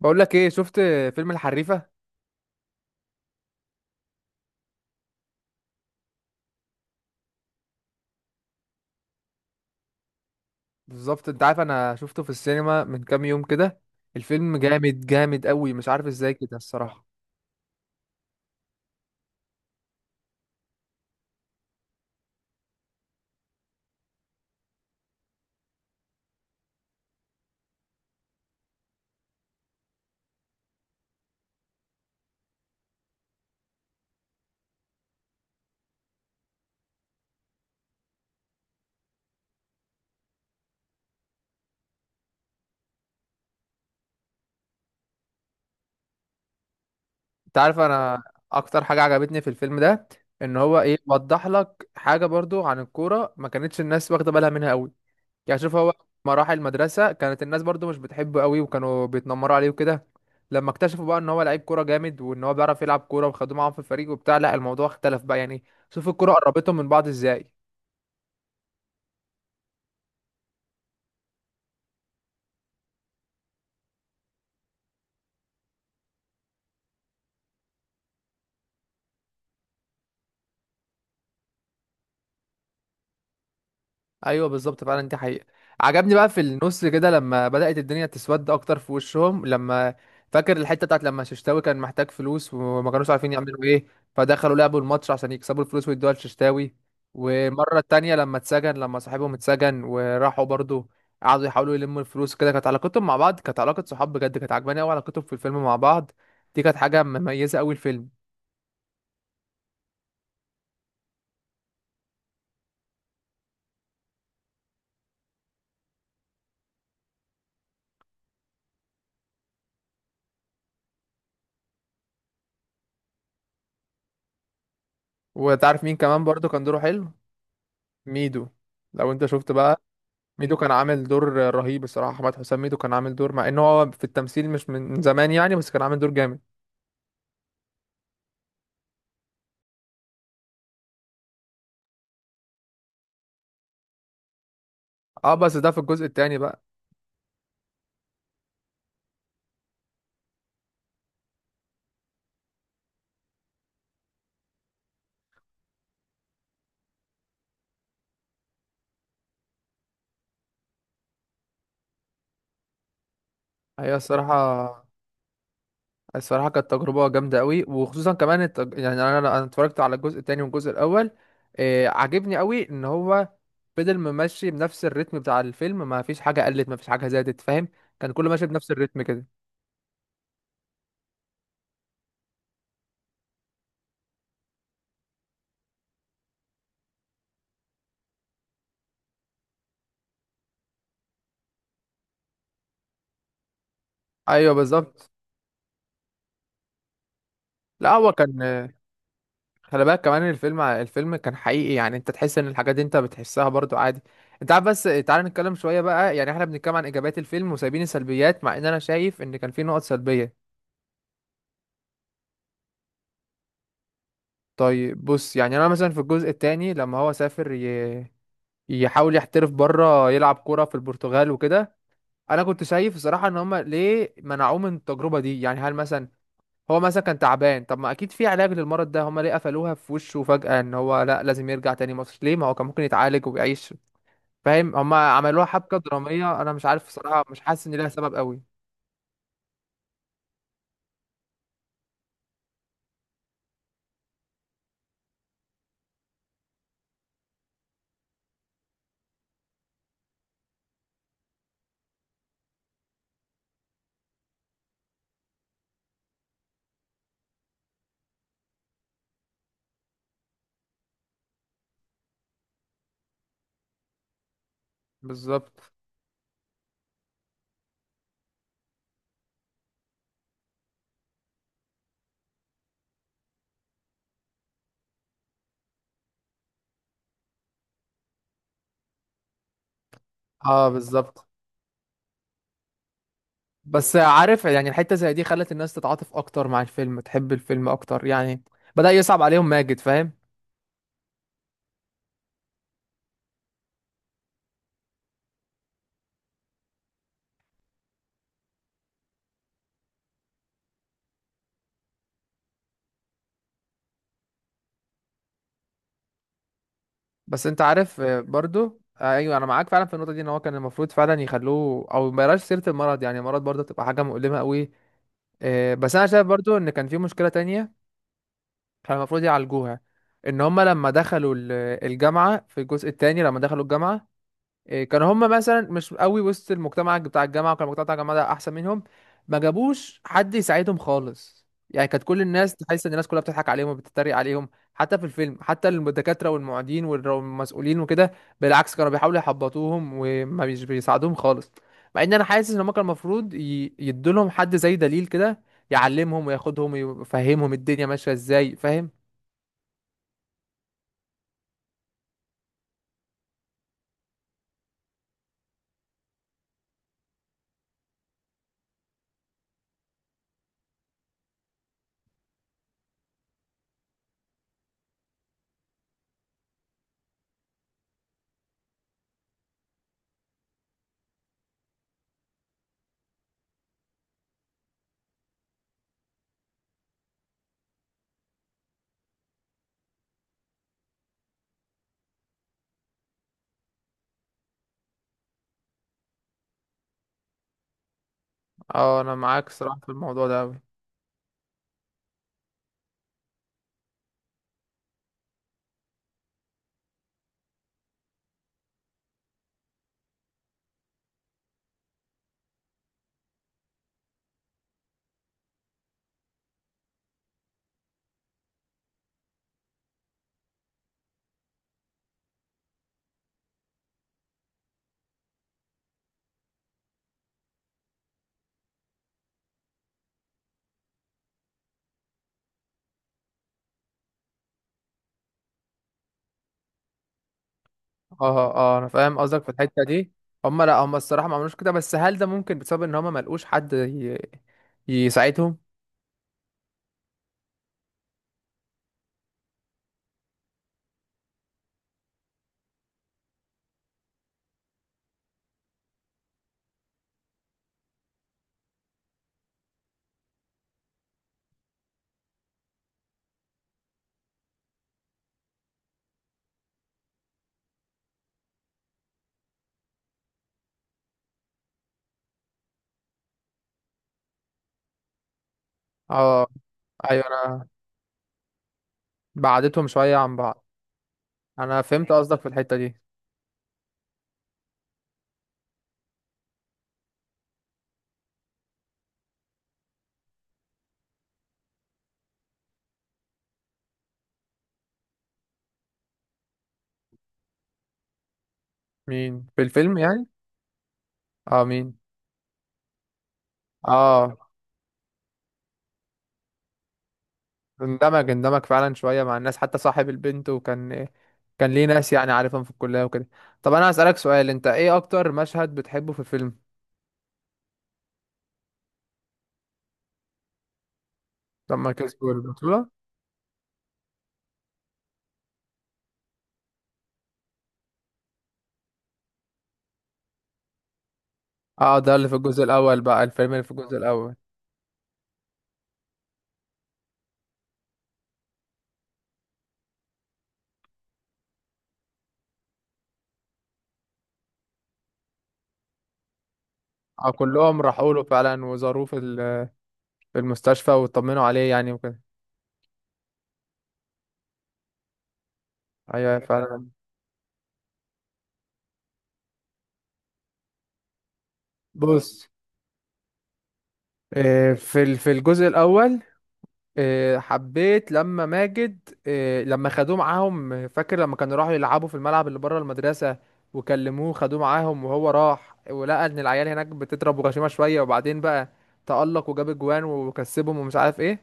بقول لك ايه، شفت فيلم الحريفه؟ بالظبط، انت عارف انا شفته في السينما من كام يوم كده. الفيلم جامد جامد قوي، مش عارف ازاي كده الصراحه. انت عارف، انا اكتر حاجه عجبتني في الفيلم ده ان هو ايه، وضح لك حاجه برضو عن الكوره ما كانتش الناس واخده بالها منها قوي. يعني شوف، هو مراحل المدرسه كانت الناس برضو مش بتحبه قوي، وكانوا بيتنمروا عليه وكده. لما اكتشفوا بقى ان هو لعيب كوره جامد وان هو بيعرف يلعب كوره وخدوه معاهم في الفريق وبتاع، لا الموضوع اختلف بقى يعني. شوف الكوره قربتهم من بعض ازاي. ايوه بالظبط، فعلا دي حقيقة. عجبني بقى في النص كده لما بدأت الدنيا تسود اكتر في وشهم، لما فاكر الحتة بتاعت لما ششتاوي كان محتاج فلوس وما كانوش عارفين يعملوا ايه؟ فدخلوا لعبوا الماتش عشان يكسبوا الفلوس ويدوها لششتاوي. والمرة التانية لما اتسجن، لما صاحبهم اتسجن وراحوا برضو قعدوا يحاولوا يلموا الفلوس كده، كانت علاقتهم مع بعض كانت علاقة صحاب بجد، كانت عجباني قوي علاقتهم في الفيلم مع بعض. دي كانت حاجة مميزة قوي الفيلم. وتعرف مين كمان برضو كان دوره حلو؟ ميدو، لو انت شفت بقى. ميدو كان عامل دور رهيب الصراحة. أحمد حسام ميدو كان عامل دور مع إن هو في التمثيل مش من زمان يعني، بس كان عامل دور جامد. اه بس ده في الجزء التاني بقى. هي الصراحة كانت تجربة جامدة قوي، وخصوصا كمان يعني أنا اتفرجت على الجزء التاني والجزء الأول. عجبني قوي إن هو فضل ممشي بنفس الريتم بتاع الفيلم، ما فيش حاجة قلت، ما فيش حاجة زادت، فاهم؟ كان كله ماشي بنفس الريتم كده. أيوه بالظبط، لا هو كان. خلي بالك كمان الفيلم كان حقيقي، يعني انت تحس ان الحاجات دي انت بتحسها برضو عادي. انت عارف، بس تعال نتكلم شوية بقى، يعني احنا بنتكلم عن ايجابيات الفيلم وسايبين السلبيات، مع ان انا شايف ان كان في نقط سلبية. طيب بص، يعني انا مثلا في الجزء التاني لما هو سافر يحاول يحترف بره، يلعب كورة في البرتغال وكده. انا كنت شايف الصراحة ان هما ليه منعوه من التجربة دي، يعني هل مثلا هو مثلا كان تعبان؟ طب ما اكيد في علاج للمرض ده، هما ليه قفلوها في وشه فجأة ان هو لا لازم يرجع تاني مصر؟ ليه، ما هو كان ممكن يتعالج ويعيش. فاهم، هما عملوها حبكة درامية، انا مش عارف بصراحة، مش حاسس ان ليها سبب قوي. بالظبط. اه، بالظبط. بس عارف يعني، الحتة زي دي خلت الناس تتعاطف اكتر مع الفيلم، تحب الفيلم اكتر يعني. بدأ يصعب عليهم ماجد، فاهم؟ بس انت عارف برضو ايوه انا معاك فعلا في النقطة دي، ان هو كان المفروض فعلا يخلوه او ما يبقاش سيرة المرض، يعني المرض برضو تبقى حاجة مؤلمة قوي. بس انا شايف برضو ان كان في مشكلة تانية. كان المفروض يعالجوها. ان هما لما دخلوا الجامعة في الجزء التاني، لما دخلوا الجامعة كانوا هم مثلا مش قوي وسط المجتمع بتاع الجامعه، وكان المجتمع بتاع الجامعه ده احسن منهم. ما جابوش حد يساعدهم خالص، يعني كانت كل الناس تحس ان الناس كلها بتضحك عليهم وبتتريق عليهم، حتى في الفيلم حتى الدكاتره والمعيدين والمسؤولين وكده. بالعكس كانوا بيحاولوا يحبطوهم، وما بيساعدوهم خالص. مع ان انا حاسس ان هم كان المفروض يدولهم حد زي دليل كده، يعلمهم وياخدهم ويفهمهم الدنيا ماشيه ازاي، فاهم؟ اه، انا معاك صراحه في الموضوع ده أوي. اه اه، انا فاهم قصدك في الحته دي. لا، هم الصراحه ما عملوش كده، بس هل ده ممكن بسبب ان هم ما لقوش حد يساعدهم؟ اه، ايوه، انا بعدتهم شويه عن بعض. انا فهمت قصدك في الحته دي. مين في الفيلم يعني؟ اه، مين؟ اه، اندمج اندمج فعلا شويه مع الناس، حتى صاحب البنت، وكان ليه ناس يعني عارفهم في الكليه وكده. طب انا هسألك سؤال، انت ايه اكتر مشهد بتحبه في الفيلم؟ لما كسبوا البطوله؟ اه، ده اللي في الجزء الاول بقى، الفيلم اللي في الجزء الاول. اه، كلهم راحوا له فعلا وزاروه في المستشفى واطمنوا عليه يعني وكده. ايوه فعلا. بص، في الجزء الاول، حبيت لما ماجد، لما خدوه معاهم، فاكر لما كانوا راحوا يلعبوا في الملعب اللي بره المدرسة. وكلموه خدوه معاهم، وهو راح ولقى ان العيال هناك بتضرب وغشيمة شوية، وبعدين بقى تألق وجاب اجوان وكسبهم ومش عارف ايه.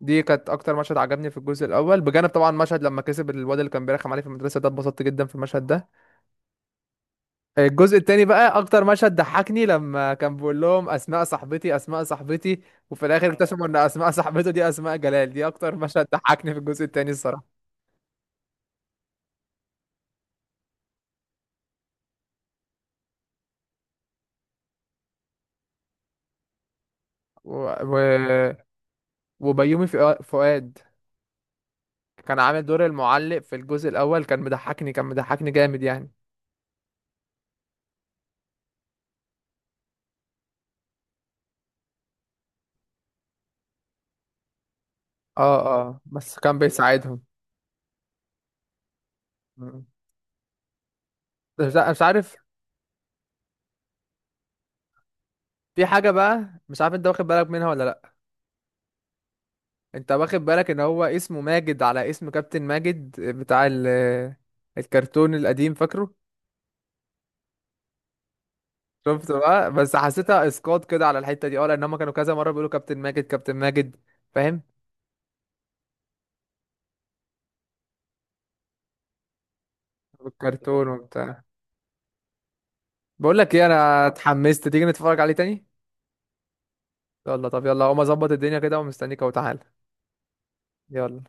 دي كانت اكتر مشهد عجبني في الجزء الاول، بجانب طبعا مشهد لما كسب الواد اللي كان بيرخم عليه في المدرسة، ده اتبسطت جدا في المشهد ده. الجزء التاني بقى، اكتر مشهد ضحكني لما كان بيقول لهم اسماء صاحبتي اسماء صاحبتي، وفي الاخر اكتشفوا ان اسماء صاحبته دي اسماء جلال، دي اكتر مشهد ضحكني في الجزء التاني الصراحة. و... و... وبيومي فؤاد كان عامل دور المعلق في الجزء الاول، كان مضحكني جامد يعني. اه اه، بس كان بيساعدهم. مم. مش عارف. في حاجة بقى، مش عارف انت واخد بالك منها ولا لا. انت واخد بالك ان هو اسمه ماجد على اسم كابتن ماجد بتاع الكرتون القديم، فاكره؟ شفت بقى، بس حسيتها اسقاط كده على الحته دي، اه لان هم كانوا كذا مره بيقولوا كابتن ماجد كابتن ماجد، فاهم؟ الكرتون وبتاع. بقول لك ايه، انا اتحمست، تيجي نتفرج عليه تاني؟ يلا طب، يلا هقوم اظبط الدنيا كده ومستنيك اهو، تعالى. يلا.